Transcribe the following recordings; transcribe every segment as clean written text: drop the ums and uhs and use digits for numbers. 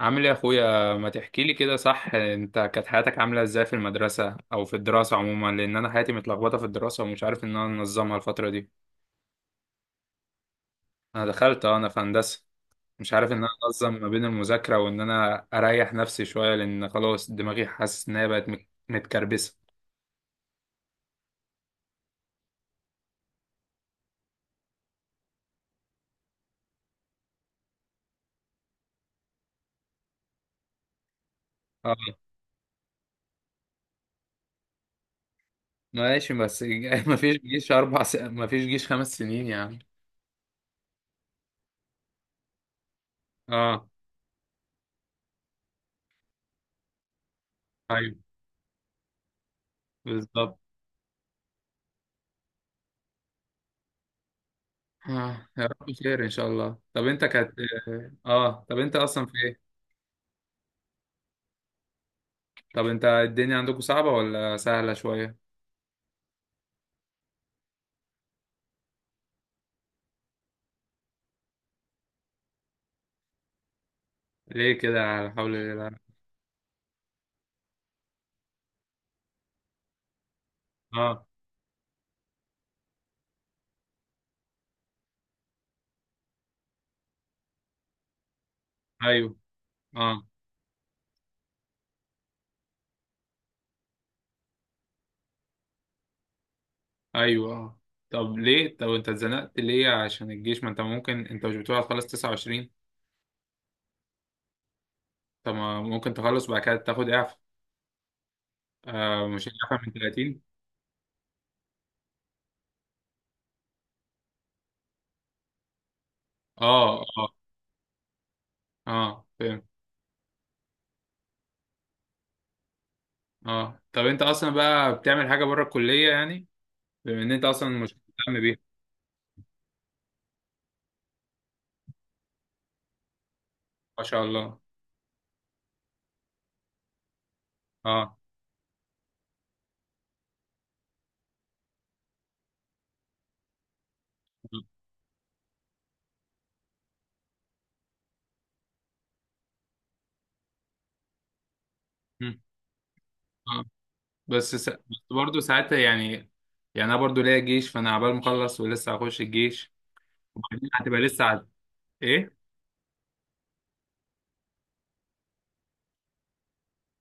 عامل ايه يا اخويا؟ ما تحكي لي كده صح. انت كانت حياتك عامله ازاي في المدرسه او في الدراسه عموما؟ لان انا حياتي متلخبطه في الدراسه ومش عارف ان انا انظمها الفتره دي. انا دخلت، انا في هندسه. مش عارف ان انا انظم ما بين المذاكره وان انا اريح نفسي شويه، لان خلاص دماغي حاسس ان هي بقت متكربسه. اه، ماشي بس ما فيش جيش اربع س... ما فيش جيش خمس سنين يعني. اه، ايوه بالظبط. يا رب خير ان شاء الله. طب انت كانت، اه، طب انت اصلا في، طب انت الدنيا عندكم صعبة ولا سهلة شوية؟ ليه كده؟ حول الله. اه، ايوه. اه، ايوه. اه، طب ليه؟ طب انت اتزنقت ليه عشان الجيش؟ ما انت ممكن، انت مش بتقول هتخلص 29؟ طب ما ممكن تخلص وبعد كده تاخد اعفاء؟ آه، مش اعفاء من 30؟ اه، اه، اه، فاهم. اه، طب انت اصلا بقى بتعمل حاجة بره الكلية يعني؟ بما ان انت اصلا مش مهتم بيها. ما شاء الله. اه، اه، آه، آه. بس برضه ساعتها يعني. يعني انا برضه ليا جيش، فانا عبال مخلص ولسه هخش الجيش وبعدين هتبقى لسه ايه.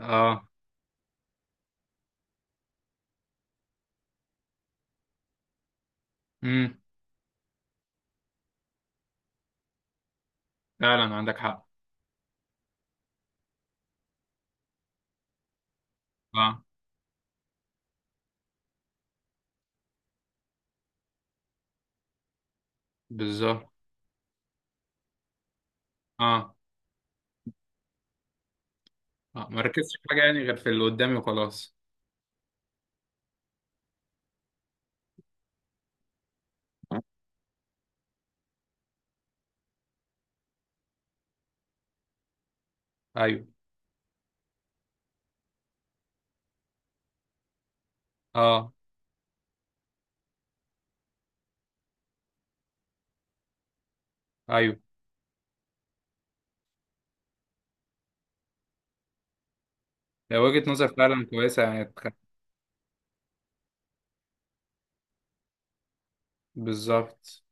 اه. امم. فعلا عندك حق. اه، بالظبط. اه، اه، ما ركزتش في حاجه يعني غير في اللي قدامي وخلاص. ايوه، اه، ايوه، لو وجهة نظر فعلا كويسه يعني بالظبط.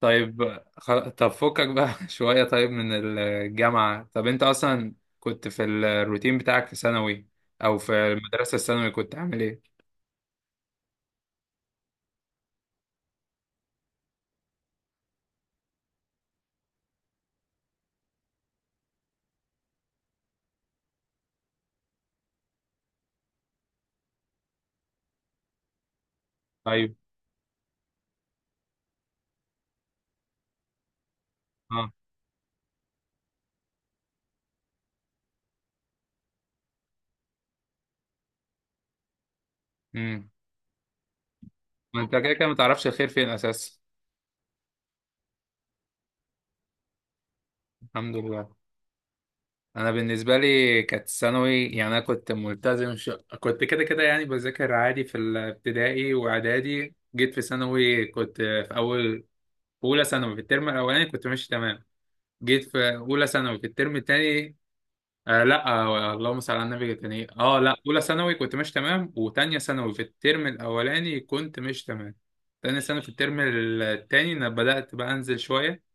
طب فكك بقى شويه. طيب من الجامعه، طب انت اصلا كنت في الروتين بتاعك في ثانوي او في المدرسه الثانوي كنت عامل ايه؟ ايوه. امم. ما انت كده كده ما تعرفش الخير فين اساسا. الحمد لله. انا بالنسبه لي كانت ثانوي يعني انا كنت كنت كده كده يعني بذاكر عادي في الابتدائي واعدادي. جيت في ثانوي كنت في اولى ثانوي في الترم الاولاني كنت ماشي تمام. جيت في اولى ثانوي في الترم التاني، لا، اللهم صل على النبي، التاني، لا، اولى ثانوي كنت ماشي تمام وتانية ثانوي في الترم الاولاني كنت ماشي تمام. تانية ثانوي في الترم التاني انا بدأت بقى انزل شويه.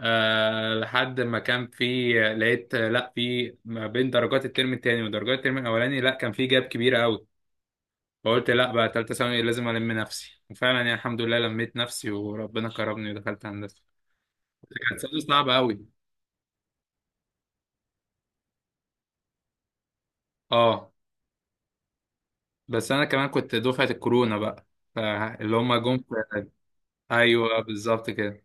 لحد ما كان في، لقيت، لا، في ما بين درجات الترم التاني ودرجات الترم الاولاني، لا كان في جاب كبيرة قوي. فقلت لا، بقى تالتة ثانوي لازم ألم نفسي، وفعلا يعني الحمد لله لميت نفسي وربنا كرمني ودخلت هندسة. كانت سنة صعبة قوي. اه، بس أنا كمان كنت دفعة الكورونا بقى. فاللي هما جم في- أيوه بالظبط كده.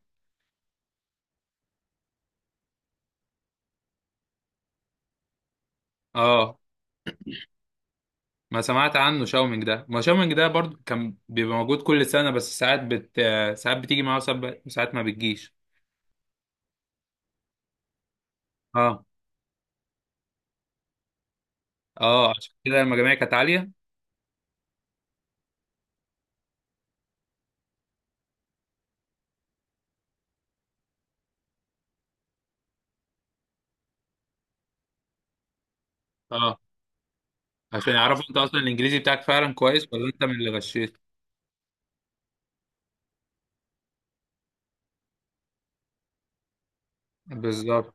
اه، ما سمعت عنه شاومينج ده. ما شاومينج ده برضو كان بيبقى موجود كل سنة، بس ساعات بتيجي معاه وساعات ما بتجيش. اه، اه، عشان كده المجاميع كانت عالية. اه، عشان يعرفوا انت اصلا الانجليزي بتاعك فعلا كويس ولا انت من اللي غشيت. بالظبط.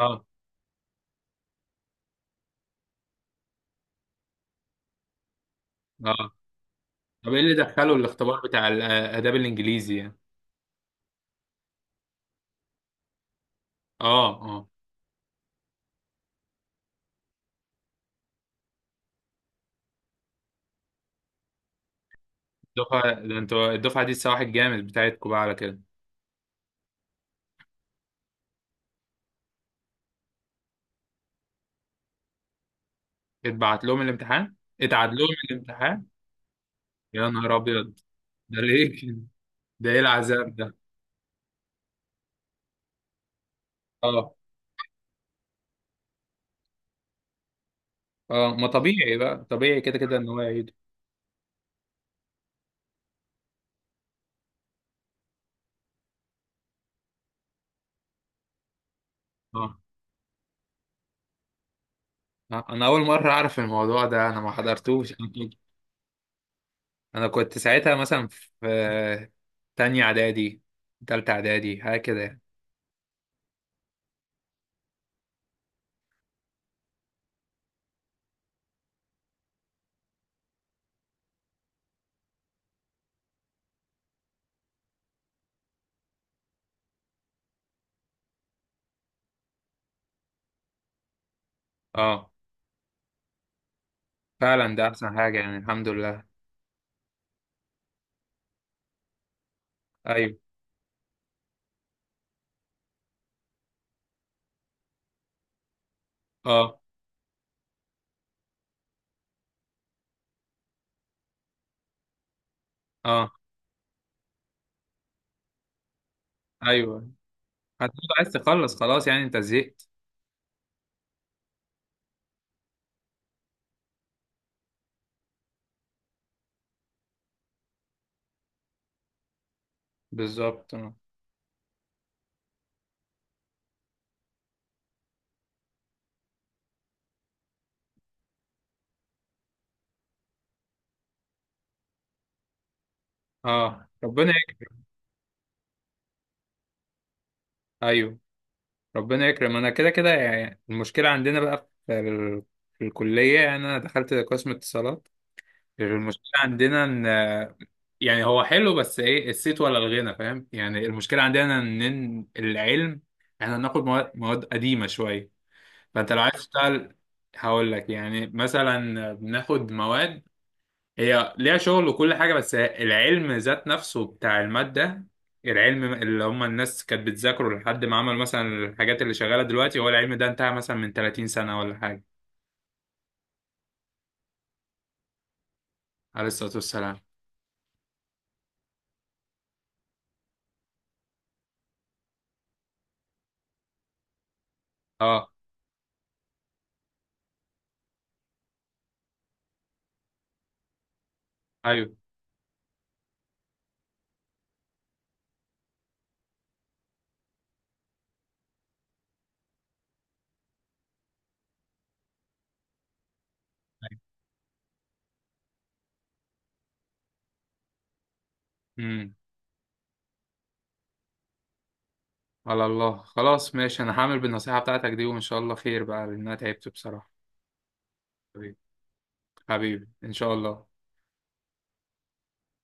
اه، اه، طب ايه اللي دخله الاختبار بتاع الاداب الانجليزي يعني؟ اه، اه، الدفعه ده انتوا الدفعه دي السواح الجامد بتاعتكم بقى على كده. اتبعت لهم الامتحان اتعاد لهم الامتحان. يا نهار ابيض. ده ليه كده؟ ده ايه العذاب ده؟ اه، اه، ما طبيعي بقى طبيعي كده كده ان هو يعيد. اه، انا اول مره اعرف الموضوع ده، انا ما حضرتوش انا كنت ساعتها مثلا في تانية اعدادي تالتة اعدادي هكذا يعني. اه، فعلا ده احسن حاجة يعني. الحمد لله. ايوه، اه، اه، ايوه. هتبقى عايز تخلص خلاص يعني، انت زهقت. بالظبط. اه، آه. ربنا يكرم. ايوه، ربنا يكرم. انا كده كده يعني المشكلة عندنا بقى في الكلية يعني. انا دخلت قسم اتصالات. المشكلة عندنا ان يعني هو حلو، بس ايه الصيت ولا الغنى، فاهم يعني؟ المشكله عندنا إن العلم، احنا بناخد مواد قديمه شويه. فانت لو عايز تشتغل، هقول لك يعني مثلا بناخد مواد هي ليها شغل وكل حاجه، بس العلم ذات نفسه بتاع الماده، العلم اللي هم الناس كانت بتذاكره لحد ما عملوا مثلا الحاجات اللي شغاله دلوقتي، هو العلم ده انتهى مثلا من 30 سنه ولا حاجه. عليه الصلاه والسلام. اه، ايوه، على الله. خلاص، ماشي، انا هعمل بالنصيحة بتاعتك دي وان شاء الله خير بقى، لان انا تعبت بصراحة. حبيبي. حبيبي ان شاء الله.